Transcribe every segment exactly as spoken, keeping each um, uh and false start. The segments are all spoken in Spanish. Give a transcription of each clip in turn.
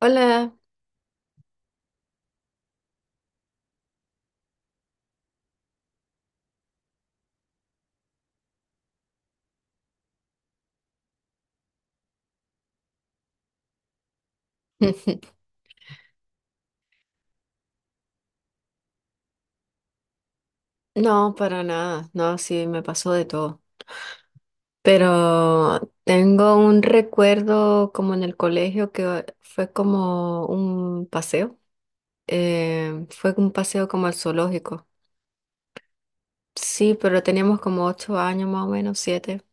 Hola. No, para nada. No, sí, me pasó de todo. Pero tengo un recuerdo como en el colegio que fue como un paseo. Eh, fue un paseo como al zoológico. Sí, pero teníamos como ocho años más o menos, siete.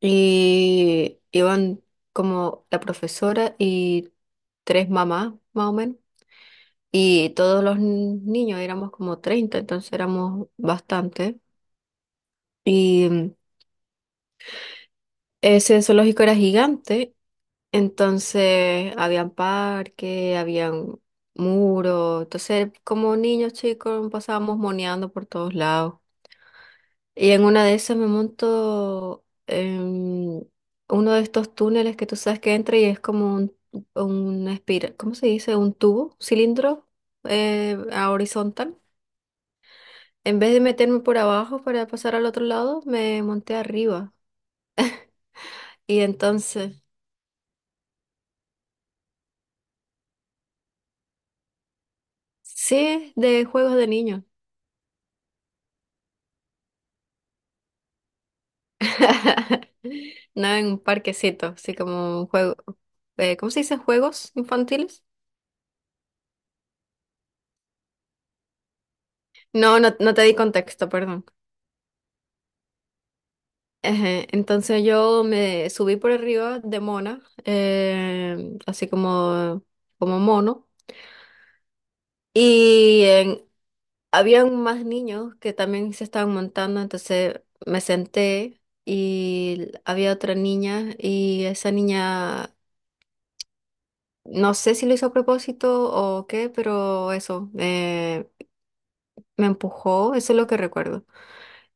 Y iban como la profesora y tres mamás más o menos. Y todos los niños éramos como treinta, entonces éramos bastante. y Ese zoológico era gigante, entonces habían parque, habían muros, entonces como niños chicos pasábamos moneando por todos lados. Y en una de esas me monto en uno de estos túneles que tú sabes que entra y es como un, una espira, ¿cómo se dice? Un tubo, cilindro eh, a horizontal. En vez de meterme por abajo para pasar al otro lado, me monté arriba. Y entonces, sí, de juegos de niños. No en un parquecito, así como un juego. Eh, ¿cómo se dicen? ¿Juegos infantiles? No, no, no te di contexto, perdón. Ejé. Entonces yo me subí por arriba de mona, eh, así como, como mono, y en- habían más niños que también se estaban montando, entonces me senté y había otra niña y esa niña, no sé si lo hizo a propósito o qué, pero eso, eh, me empujó, eso es lo que recuerdo.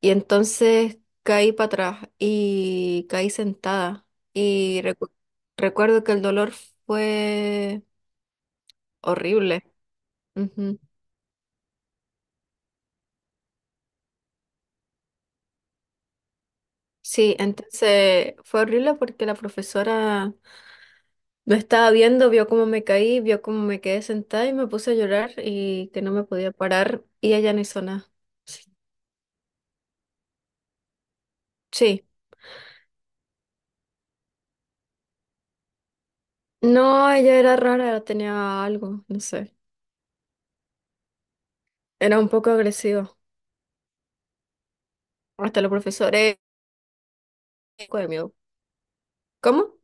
Y entonces caí para atrás y caí sentada. Y recu- Recuerdo que el dolor fue horrible. Ujú. Sí, entonces fue horrible porque la profesora me estaba viendo, vio cómo me caí, vio cómo me quedé sentada y me puse a llorar y que no me podía parar y ella no hizo nada. Sí. Sí. No, ella era rara, tenía algo, no sé. Era un poco agresiva. Hasta los profesores, ¿cómo?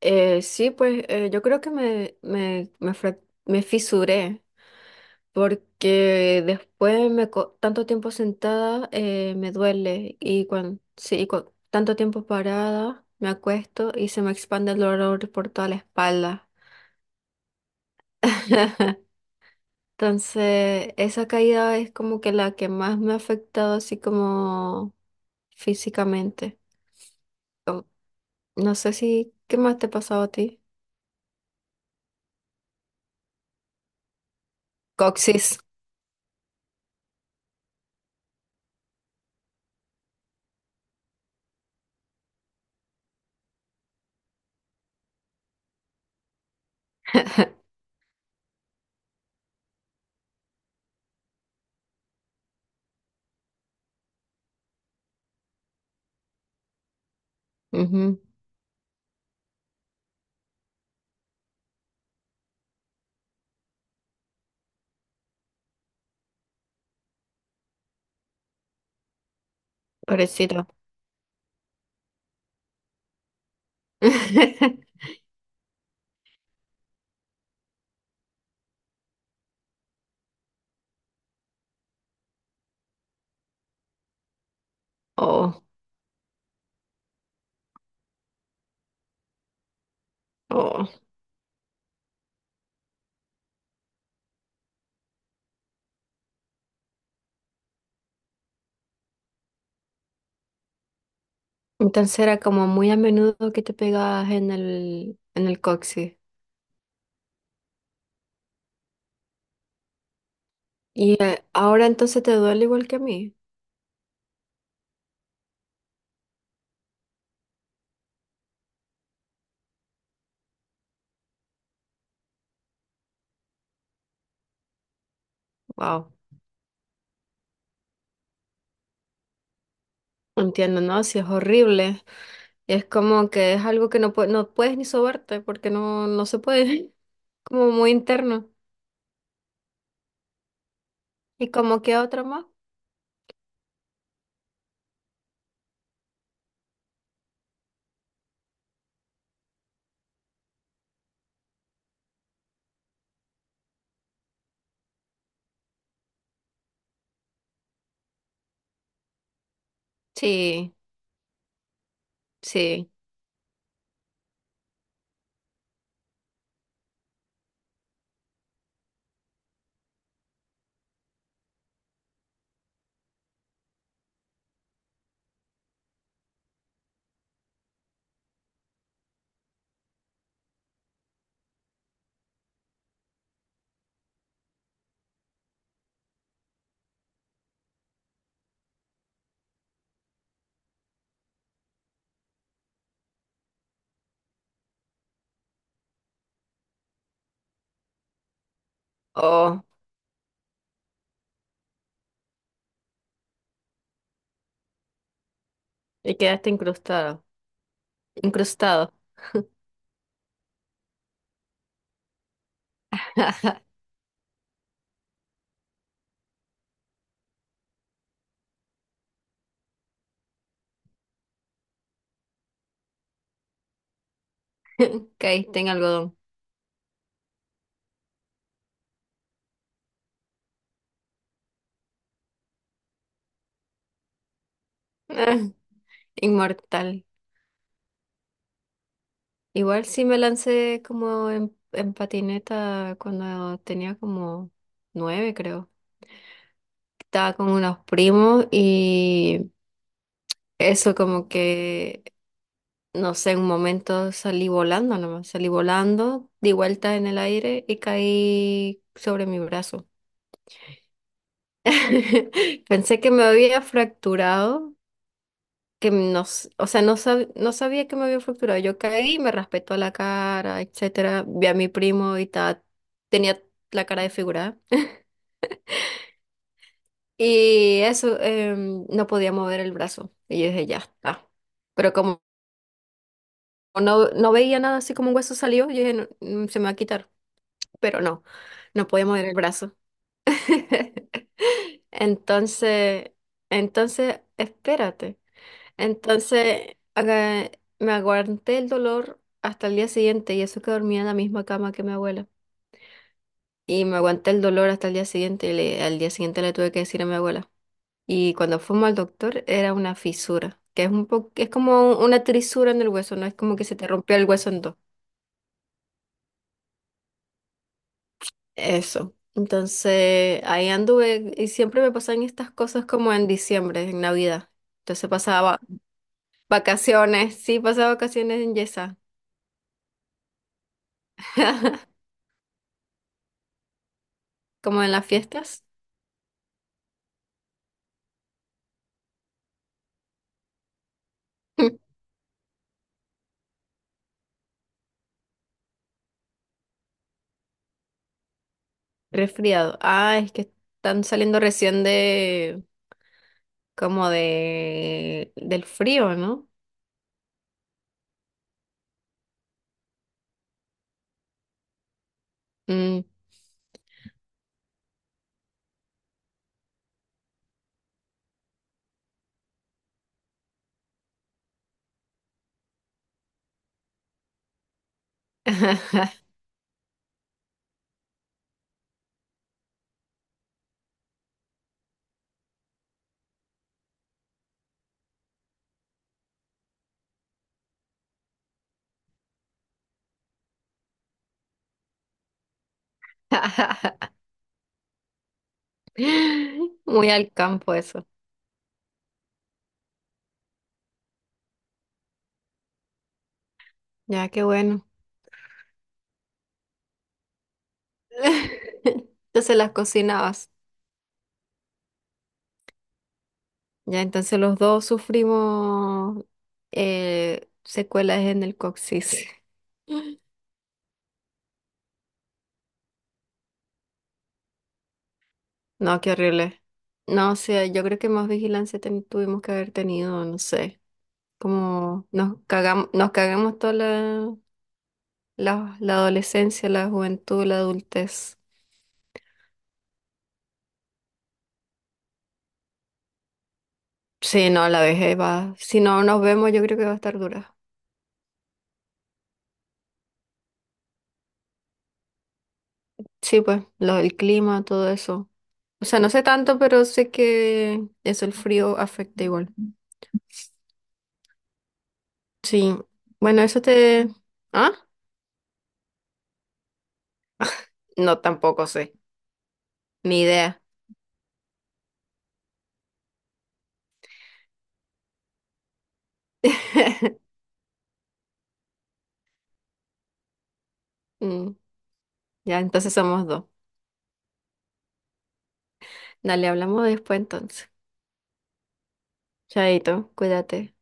Eh, sí, pues eh, yo creo que me, me, me, frac- me fisuré porque después me co- tanto tiempo sentada eh, me duele y cuando sí, y cua- tanto tiempo parada me acuesto y se me expande el dolor por toda la espalda. Entonces, esa caída es como que la que más me ha afectado así como físicamente. Como... No sé si, ¿qué más te ha pasado a ti? Coxis. Ujú. Pobrecito. Oh, oh. Entonces era como muy a menudo que te pegabas en el, en el coxis. Y eh, ahora entonces te duele igual que a mí. Wow. Entiendo, ¿no? Si es horrible. Es como que es algo que no, pue- no puedes ni sobarte porque no, no se puede. Como muy interno. ¿Y como que otro más? Sí, sí. Oh, y quedaste incrustado. Incrustado. Caíste en algodón. Inmortal. Igual sí me lancé como en, en patineta cuando tenía como nueve, creo. Estaba con unos primos y eso como que, no sé, en un momento salí volando nomás, salí volando, di vuelta en el aire y caí sobre mi brazo. Pensé que me había fracturado, que nos, o sea, no, sab- no sabía que me había fracturado. Yo caí, y me raspé toda la cara, etcétera. Vi a mi primo y ta, tenía la cara desfigurada. Y eso, em, no podía mover el brazo. Y yo dije, ya está. Pero como no, no veía nada así como un hueso salió, yo dije, "No, mm, se me va a quitar". Pero no, no podía mover el brazo. Entonces, entonces, espérate. Entonces, aga- me aguanté el dolor hasta el día siguiente y eso que dormía en la misma cama que mi abuela. Y me aguanté el dolor hasta el día siguiente y le- al día siguiente le tuve que decir a mi abuela. Y cuando fuimos al doctor era una fisura, que es un poco, es como un- una trisura en el hueso, no es como que se te rompió el hueso en dos. Eso. Entonces, ahí anduve y siempre me pasan estas cosas como en diciembre, en Navidad. Entonces pasaba vacaciones, sí, pasaba vacaciones en Yesa, como en las fiestas. Resfriado. Ah, es que están saliendo recién de, como de, del frío, ¿no? Mm. Muy al campo eso. Ya, qué bueno. Entonces las cocinabas. Ya, entonces los dos sufrimos eh, secuelas en el coxis. No, qué horrible. No, o sea, yo creo que más vigilancia ten- tuvimos que haber tenido, no sé. Como nos cagamos, nos cagamos toda la, la, la adolescencia, la juventud, la adultez. Sí, no, la vejez va. Si no nos vemos, yo creo que va a estar dura. Sí, pues, lo del clima, todo eso. O sea, no sé tanto, pero sé que eso, el frío afecta igual. Sí. Bueno, eso te... ¿Ah? No, tampoco sé. Ni idea. Mm. Ya, entonces somos dos. Dale, hablamos después entonces. Chaito, cuídate.